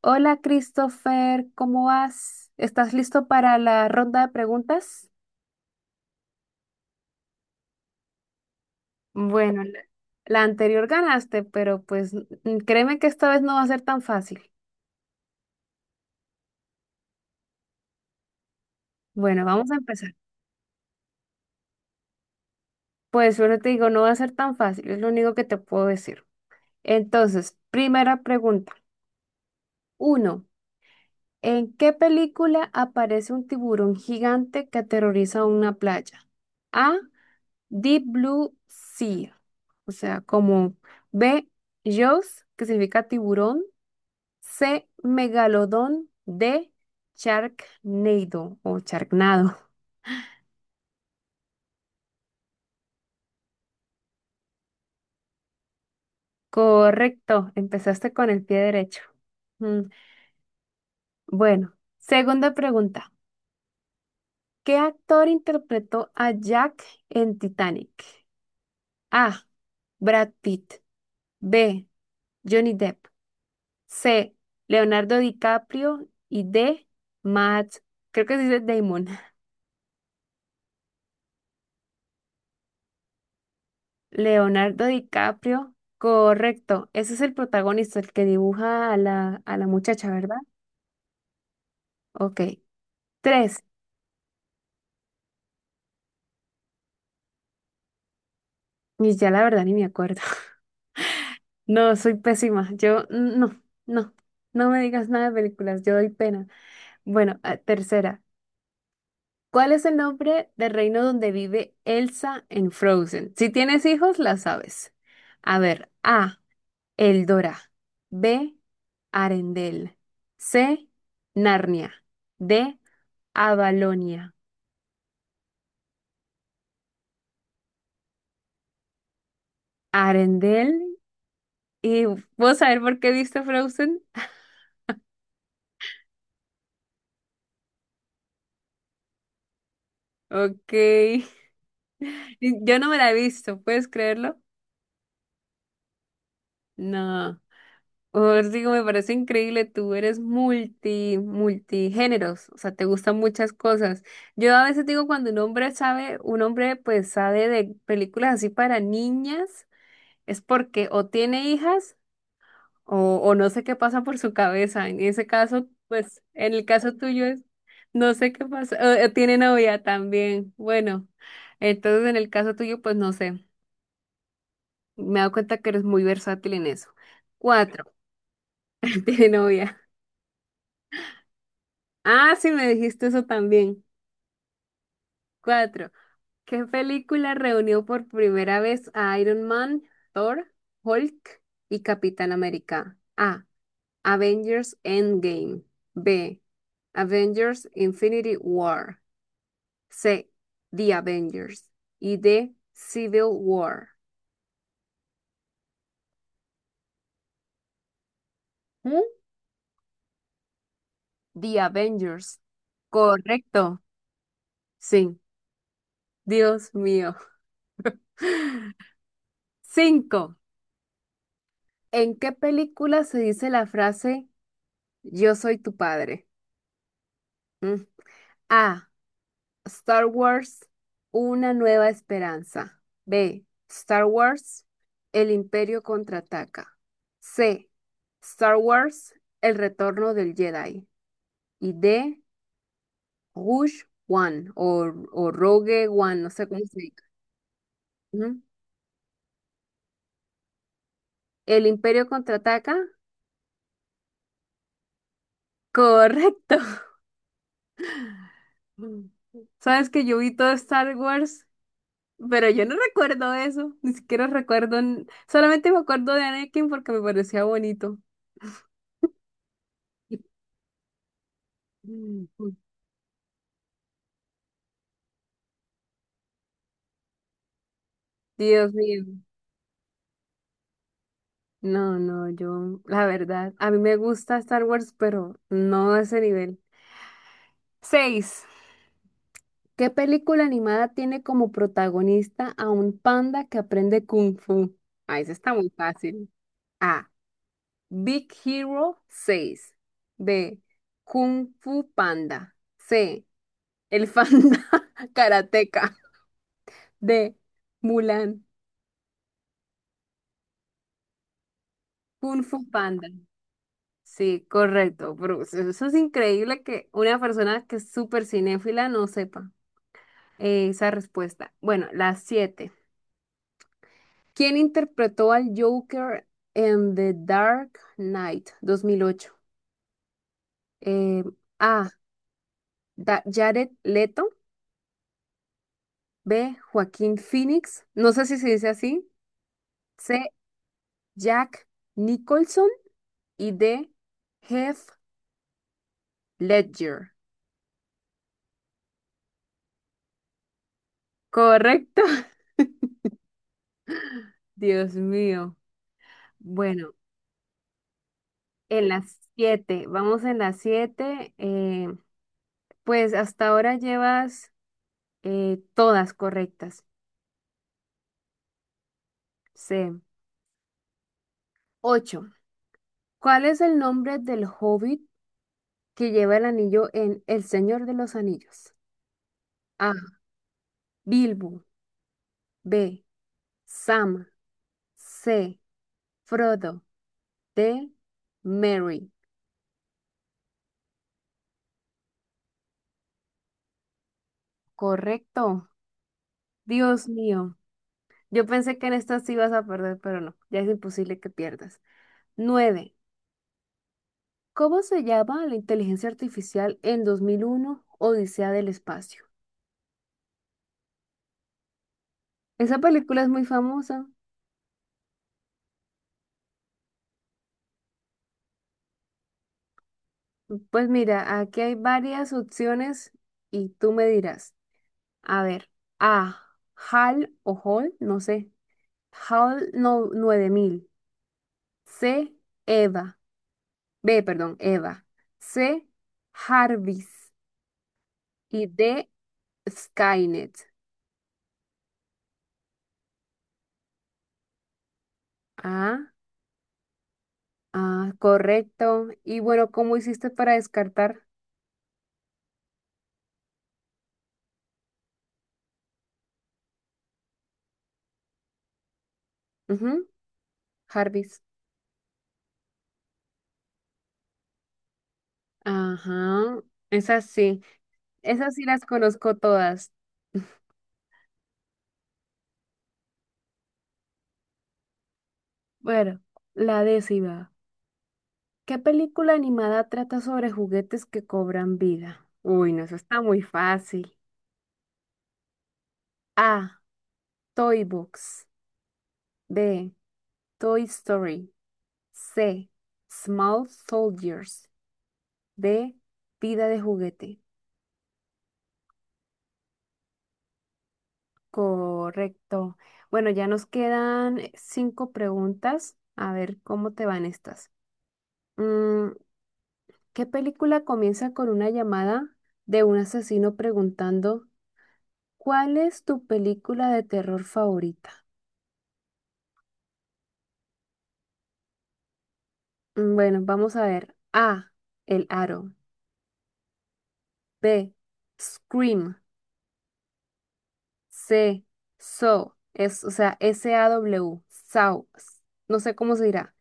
Hola Christopher, ¿cómo vas? ¿Estás listo para la ronda de preguntas? Bueno, la anterior ganaste, pero pues créeme que esta vez no va a ser tan fácil. Bueno, vamos a empezar. Pues solo te digo, no va a ser tan fácil, es lo único que te puedo decir. Entonces, primera pregunta. Uno, ¿en qué película aparece un tiburón gigante que aterroriza una playa? A, Deep Blue Sea. O sea, como B, Jaws, que significa tiburón, C, megalodón, D, Sharknado o Sharknado. Correcto, empezaste con el pie derecho. Mm, Bueno, segunda pregunta. ¿Qué actor interpretó a Jack en Titanic? A, Brad Pitt, B, Johnny Depp, C, Leonardo DiCaprio y D, Matt, creo que se dice Damon. Leonardo DiCaprio, correcto. Ese es el protagonista, el que dibuja a la muchacha, ¿verdad? Ok. Tres. Y ya la verdad ni me acuerdo. No, soy pésima. Yo, no, no. No me digas nada de películas, yo doy pena. Bueno, ah, tercera. ¿Cuál es el nombre del reino donde vive Elsa en Frozen? Si tienes hijos, la sabes. A ver, A, Eldora. B, Arendelle. C, Narnia. D, Avalonia, Arendelle. ¿Y vos saber por qué viste Frozen? Ok. Yo no me la he visto, ¿puedes creerlo? No. Os digo, me parece increíble, tú eres multigéneros, o sea, te gustan muchas cosas. Yo a veces digo cuando un hombre sabe, un hombre pues sabe de películas así para niñas, es porque o tiene hijas O, o no sé qué pasa por su cabeza. En ese caso, pues, en el caso tuyo es, no sé qué pasa. O tiene novia también. Bueno, entonces en el caso tuyo, pues no sé. Me he dado cuenta que eres muy versátil en eso. Cuatro, tiene novia. Ah, sí, me dijiste eso también. Cuatro, ¿qué película reunió por primera vez a Iron Man, Thor, Hulk y Capitán América? A. Avengers Endgame. B. Avengers Infinity War. C. The Avengers. Y D. Civil War. ¿Mm? The Avengers. Correcto. Sí. Dios mío. Cinco. ¿En qué película se dice la frase Yo soy tu padre? ¿Mm? A. Star Wars. Una nueva esperanza. B. Star Wars. El Imperio contraataca. C. Star Wars. El retorno del Jedi. Y D. Rouge One o Rogue One, no sé cómo se dice. Ujú. El Imperio contraataca. Correcto. Mm. Sabes que yo vi todo Star Wars, pero yo no recuerdo eso. Ni siquiera recuerdo. Solamente me acuerdo de Anakin porque me parecía bonito. Mm. Dios mío. No, no, yo, la verdad, a mí me gusta Star Wars, pero no a ese nivel. Seis. ¿Qué película animada tiene como protagonista a un panda que aprende kung fu? Ah, esa está muy fácil. A. Big Hero 6. B. Kung Fu Panda. C. El Fanda Karateka. D. Mulan. Kung Fu Panda. Sí, correcto. Bruce. Eso es increíble que una persona que es súper cinéfila no sepa esa respuesta. Bueno, las siete. ¿Quién interpretó al Joker en The Dark Knight 2008? Eh, A. Jared Leto. B. Joaquín Phoenix. No sé si se dice así. C. Jack Nicholson. Y D. Heath Ledger. Correcto. Dios mío. Bueno, en las siete. Vamos en las siete. Pues hasta ahora llevas todas correctas. C. 8. ¿Cuál es el nombre del hobbit que lleva el anillo en El Señor de los Anillos? A. Bilbo. B. Sam. C. Frodo. D. Mary. Correcto. Dios mío. Yo pensé que en esta sí ibas a perder, pero no. Ya es imposible que pierdas. 9. ¿Cómo se llama la inteligencia artificial en 2001? Odisea del Espacio? Esa película es muy famosa. Pues mira, aquí hay varias opciones y tú me dirás. A ver, A, HAL o hall, no sé. HAL no, 9000, C, EVA. B, perdón, EVA. C, Jarvis. Y D, Skynet. Ah, ah, correcto. Y bueno, ¿cómo hiciste para descartar? Ujú, Jarvis. Ajá, esas sí. Esas sí las conozco todas. Bueno, la décima. ¿Qué película animada trata sobre juguetes que cobran vida? Uy, no, eso está muy fácil. A. Toy Box. B. Toy Story. C. Small Soldiers. D. Vida de juguete. Correcto. Bueno, ya nos quedan cinco preguntas. A ver cómo te van estas. Mm, ¿Qué película comienza con una llamada de un asesino preguntando, ¿cuál es tu película de terror favorita? Bueno, vamos a ver. A, el aro. B, scream. C, so. Es, o sea, SAW. Saw. No sé cómo se dirá.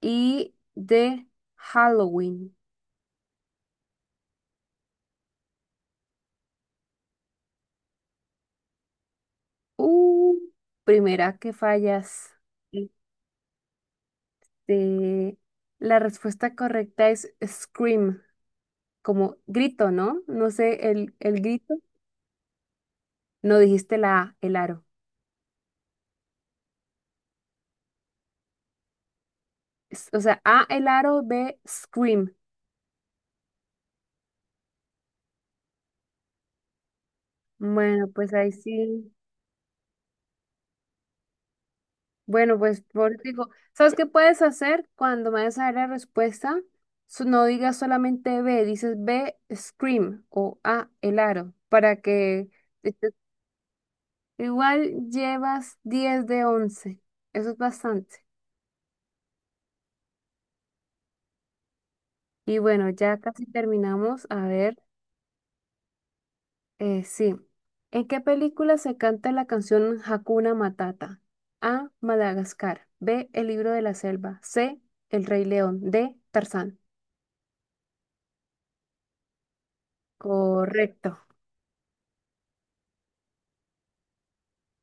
Y D, Halloween. Uh, primera que fallas. Este, la respuesta correcta es scream, como grito, ¿no? No sé, el grito. No dijiste la A, el aro. O sea, A, el aro, B, scream. Bueno, pues ahí sí. Bueno, pues por eso digo, ¿sabes qué puedes hacer cuando me des a dar la respuesta? No digas solamente B, dices B, scream o A, el aro, para que este, igual llevas 10 de 11. Eso es bastante. Y bueno, ya casi terminamos. A ver, sí. ¿En qué película se canta la canción Hakuna Matata? A, Madagascar. B, El libro de la selva. C, El Rey León. D, Tarzán. Correcto.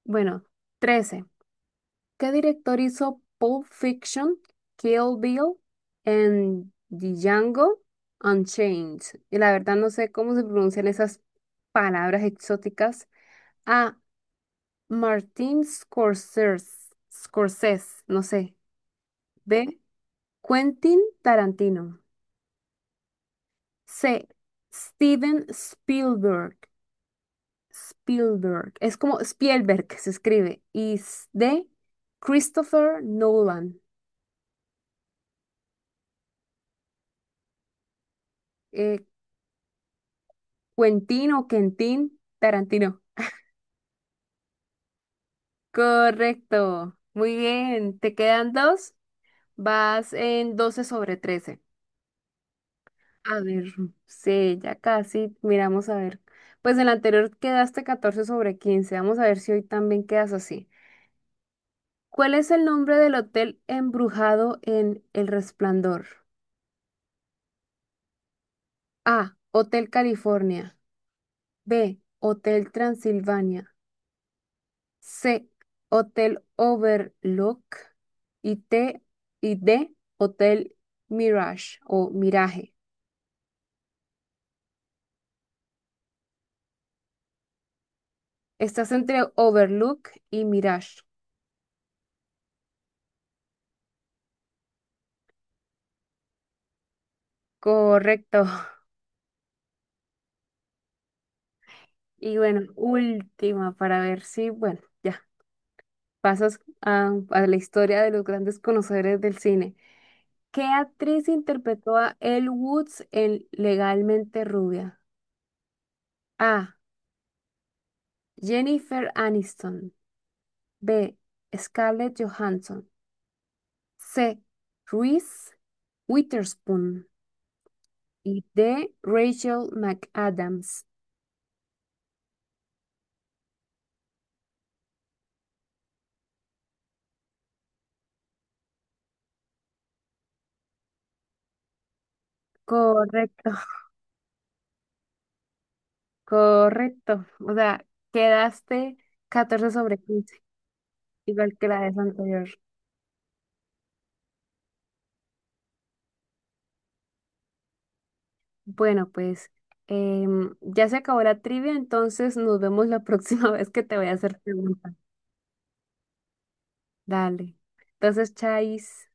Bueno, 13. ¿Qué director hizo Pulp Fiction, Kill Bill en Django Unchained? Y la verdad no sé cómo se pronuncian esas palabras exóticas. A. Martin Scorsese, Scorsese, no sé. B. Quentin Tarantino. C. Steven Spielberg. Spielberg. Es como Spielberg se escribe. Y D. Christopher Nolan. Eh, Quentin o Quentin Tarantino. Correcto. Muy bien. Te quedan dos. Vas en 12 sobre 13. A ver, sí, ya casi. Miramos a ver. Pues en la anterior quedaste 14 sobre 15. Vamos a ver si hoy también quedas así. ¿Cuál es el nombre del hotel embrujado en El Resplandor? A. Hotel California. B. Hotel Transilvania. C, Hotel Overlook y T y D, Hotel Mirage o Mirage. Estás entre Overlook y Mirage. Correcto. Y bueno, última para ver si, bueno, ya pasas a la historia de los grandes conocedores del cine. ¿Qué actriz interpretó a Elle Woods en Legalmente Rubia? A. Jennifer Aniston. B. Scarlett Johansson. C. Reese Witherspoon y D. Rachel McAdams. Correcto, correcto. O sea, quedaste 14 sobre 15, igual que la vez anterior. Bueno, pues ya se acabó la trivia, entonces nos vemos la próxima vez que te voy a hacer preguntas. Dale. Entonces, Chais.